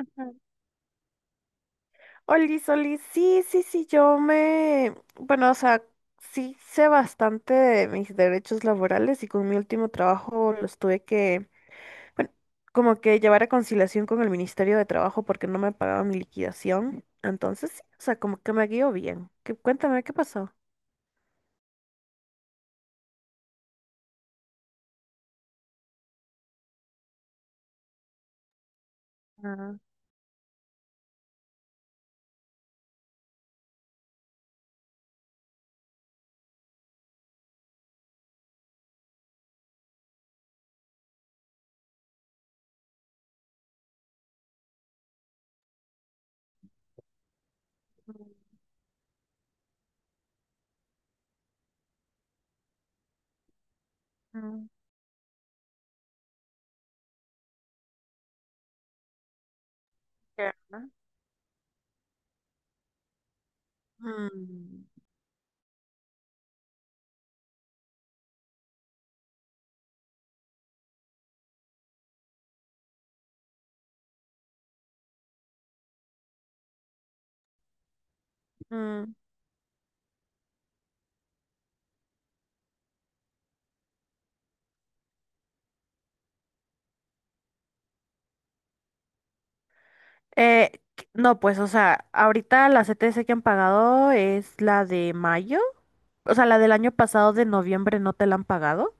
Ujú. Oli olis, sí, sí, sí, yo me, bueno, o sea, sí sé bastante de mis derechos laborales y con mi último trabajo los tuve que, bueno, como que llevar a conciliación con el Ministerio de Trabajo porque no me pagaba mi liquidación. Entonces, sí, o sea, como que me guió bien. Qué, cuéntame, ¿qué pasó? Ah. Mm, ya. Mm, mm. No, pues, o sea, ahorita la CTS que han pagado es la de mayo. O sea, la del año pasado de noviembre no te la han pagado.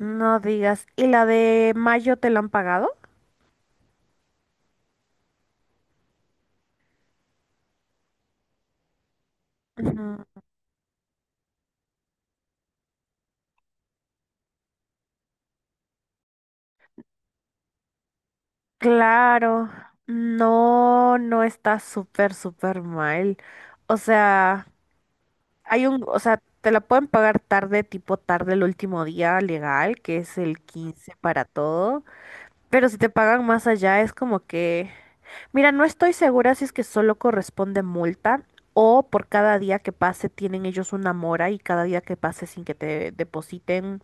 No digas. ¿Y la de mayo te la han pagado? Ujú. Claro. No, no está súper, súper mal. O sea, hay un, o sea, te la pueden pagar tarde, tipo tarde el último día legal, que es el 15 para todo. Pero si te pagan más allá, es como que. Mira, no estoy segura si es que solo corresponde multa o por cada día que pase tienen ellos una mora y cada día que pase sin que te depositen.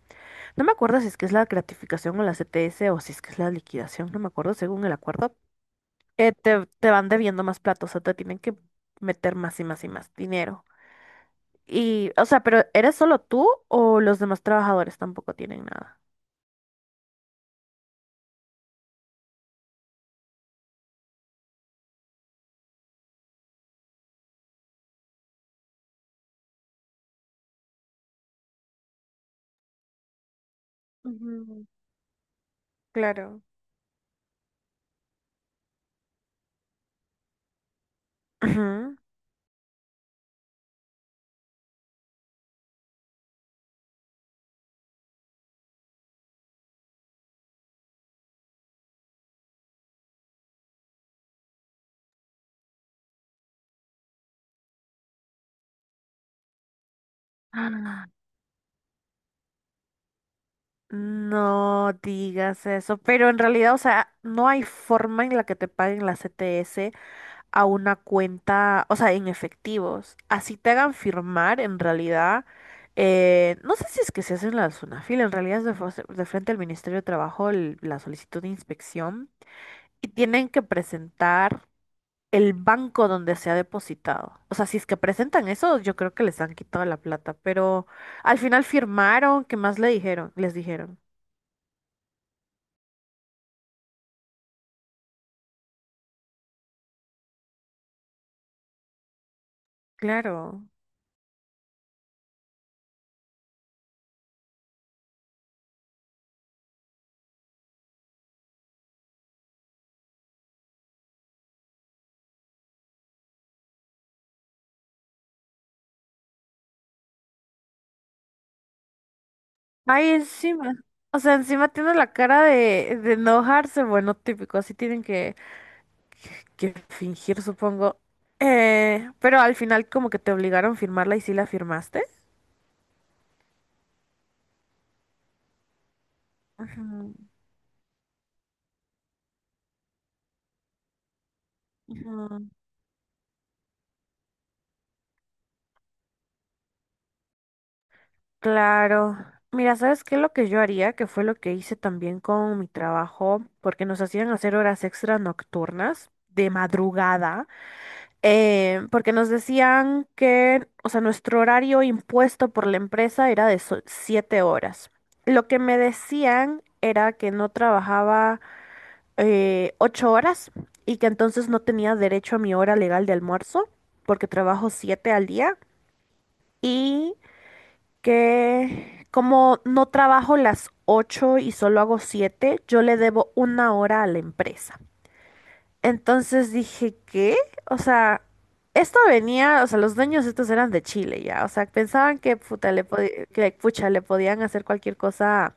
No me acuerdo si es que es la gratificación o la CTS o si es que es la liquidación, no me acuerdo según el acuerdo. Te van debiendo más platos, o sea, te tienen que meter más y más y más dinero. Y, o sea, pero ¿eres solo tú o los demás trabajadores tampoco tienen nada? Ujú. Claro. Ujú. No digas eso, pero en realidad, o sea, no hay forma en la que te paguen la CTS a una cuenta, o sea, en efectivos. Así te hagan firmar, en realidad, no sé si es que se hace en la Sunafil, en realidad es de frente al Ministerio de Trabajo la solicitud de inspección y tienen que presentar el banco donde se ha depositado. O sea, si es que presentan eso, yo creo que les han quitado la plata, pero al final firmaron, ¿qué más le dijeron? Les dijeron. Claro. Ay, encima. O sea, encima tiene la cara de enojarse. Bueno, típico, así tienen que fingir, supongo. Pero al final como que te obligaron a firmarla y sí la firmaste. Ujú, ujú. Claro. Mira, ¿sabes qué? Lo que yo haría, que fue lo que hice también con mi trabajo, porque nos hacían hacer horas extra nocturnas de madrugada. Porque nos decían que, o sea, nuestro horario impuesto por la empresa era de siete horas. Lo que me decían era que no trabajaba ocho horas y que entonces no tenía derecho a mi hora legal de almuerzo, porque trabajo siete al día y que como no trabajo las ocho y solo hago siete, yo le debo una hora a la empresa. Entonces dije, ¿qué? O sea, esto venía, o sea, los dueños estos eran de Chile ya, o sea, pensaban que puta que pucha le podían hacer cualquier cosa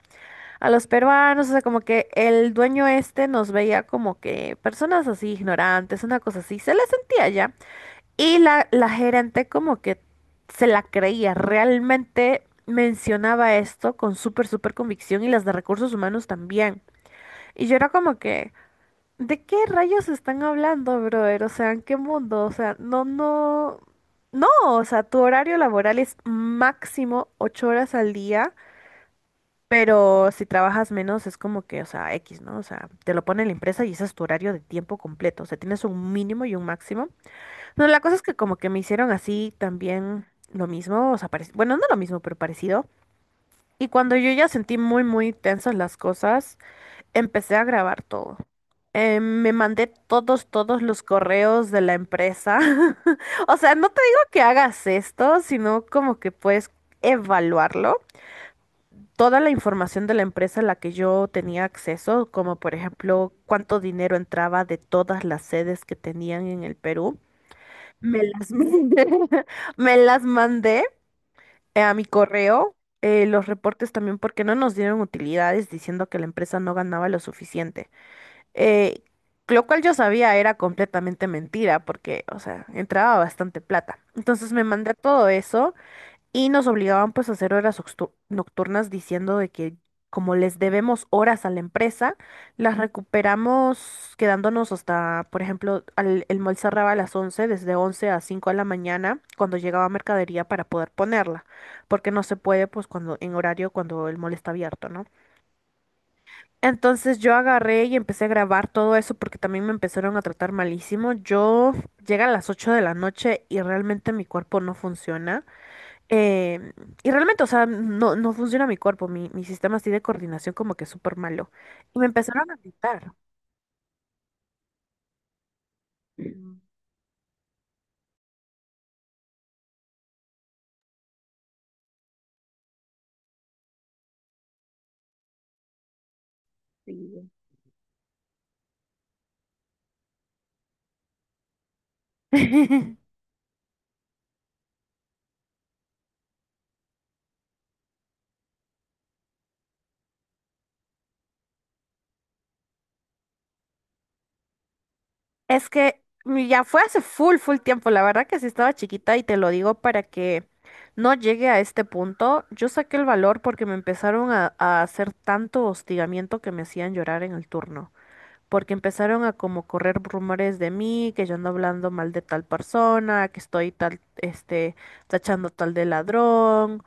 a los peruanos, o sea, como que el dueño este nos veía como que personas así ignorantes, una cosa así, se le sentía ya. Y la gerente como que se la creía, realmente mencionaba esto con súper, súper convicción y las de recursos humanos también. Y yo era como que... ¿De qué rayos están hablando, brother? O sea, ¿en qué mundo? O sea, no, no, no, o sea, tu horario laboral es máximo ocho horas al día, pero si trabajas menos es como que, o sea, X, ¿no? O sea, te lo pone la empresa y ese es tu horario de tiempo completo, o sea, tienes un mínimo y un máximo. No, la cosa es que como que me hicieron así también lo mismo, o sea, bueno, no lo mismo, pero parecido. Y cuando yo ya sentí muy, muy tensas las cosas, empecé a grabar todo. Me mandé todos los correos de la empresa. O sea, no te digo que hagas esto, sino como que puedes evaluarlo. Toda la información de la empresa a la que yo tenía acceso, como por ejemplo cuánto dinero entraba de todas las sedes que tenían en el Perú, me las mandé, me las mandé, a mi correo. Los reportes también porque no nos dieron utilidades diciendo que la empresa no ganaba lo suficiente. Eh, lo cual yo sabía era completamente mentira porque, o sea, entraba bastante plata. Entonces me mandé todo eso y nos obligaban pues a hacer horas nocturnas diciendo de que como les debemos horas a la empresa, las recuperamos quedándonos hasta, por ejemplo, el mall cerraba a las once, desde 11 a 5 de la mañana cuando llegaba mercadería para poder ponerla, porque no se puede pues cuando en horario cuando el mall está abierto, ¿no? Entonces yo agarré y empecé a grabar todo eso porque también me empezaron a tratar malísimo. Yo llegué a las 8 de la noche y realmente mi cuerpo no funciona. Em, y realmente, o sea, no, no funciona mi cuerpo, mi sistema así de coordinación como que es súper malo. Y me empezaron a gritar. Sí. Es que ya fue hace full, full tiempo. La verdad que sí estaba chiquita y te lo digo para que no llegue a este punto. Yo saqué el valor porque me empezaron a hacer tanto hostigamiento que me hacían llorar en el turno porque empezaron a como correr rumores de mí, que yo ando hablando mal de tal persona, que estoy tal, este, tachando tal de ladrón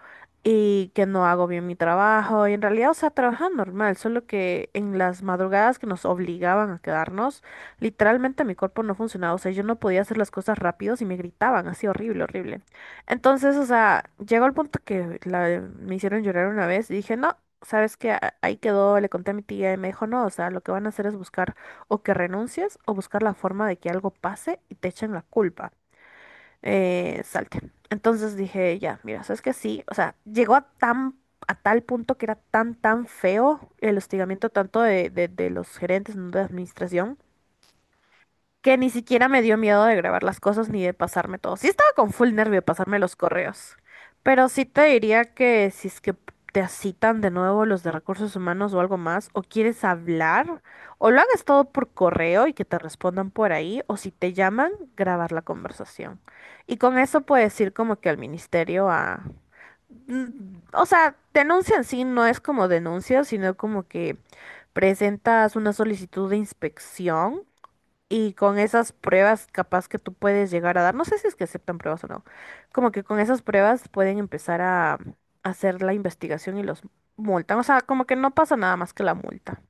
y que no hago bien mi trabajo. Y en realidad, o sea, trabajaban normal, solo que en las madrugadas que nos obligaban a quedarnos, literalmente mi cuerpo no funcionaba, o sea, yo no podía hacer las cosas rápido y me gritaban así horrible, horrible. Entonces, o sea, llegó el punto que me hicieron llorar una vez y dije, no, ¿sabes qué? Ahí quedó, le conté a mi tía y me dijo, no, o sea, lo que van a hacer es buscar o que renuncies o buscar la forma de que algo pase y te echen la culpa. Salte. Entonces dije, ya, mira, ¿sabes qué? Sí, o sea, llegó a tan, a tal punto que era tan, tan feo el hostigamiento tanto de los gerentes, ¿no?, de administración, que ni siquiera me dio miedo de grabar las cosas ni de pasarme todo. Sí estaba con full nervio de pasarme los correos, pero sí te diría que si es que te citan de nuevo los de recursos humanos o algo más, o quieres hablar, o lo hagas todo por correo y que te respondan por ahí, o si te llaman, grabar la conversación. Y con eso puedes ir como que al ministerio a... Mm, o sea, denuncia en sí no es como denuncia, sino como que presentas una solicitud de inspección y con esas pruebas capaz que tú puedes llegar a dar, no sé si es que aceptan pruebas o no, como que con esas pruebas pueden empezar a hacer la investigación y los multan. O sea, como que no pasa nada más que la multa.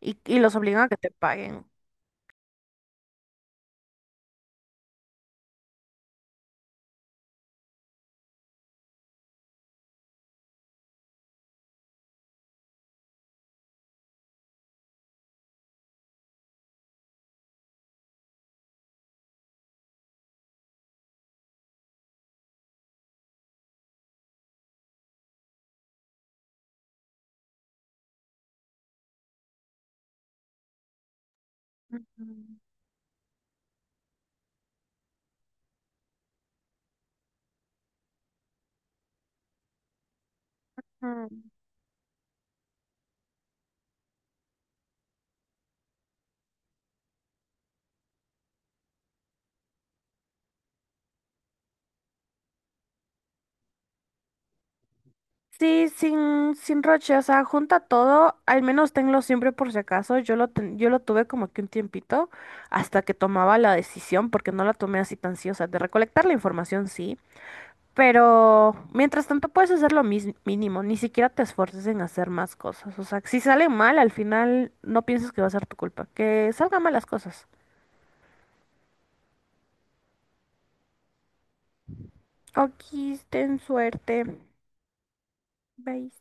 Y los obligan a que te paguen. Mm. Sí, sin roche, o sea, junta todo, al menos tenlo siempre por si acaso. Yo lo tuve como que un tiempito hasta que tomaba la decisión, porque no la tomé así tan sí, o sea, de recolectar la información sí, pero mientras tanto puedes hacer lo mínimo, ni siquiera te esfuerces en hacer más cosas. O sea, si sale mal, al final no pienses que va a ser tu culpa. Que salgan mal las cosas. Aquí ten suerte. Bye.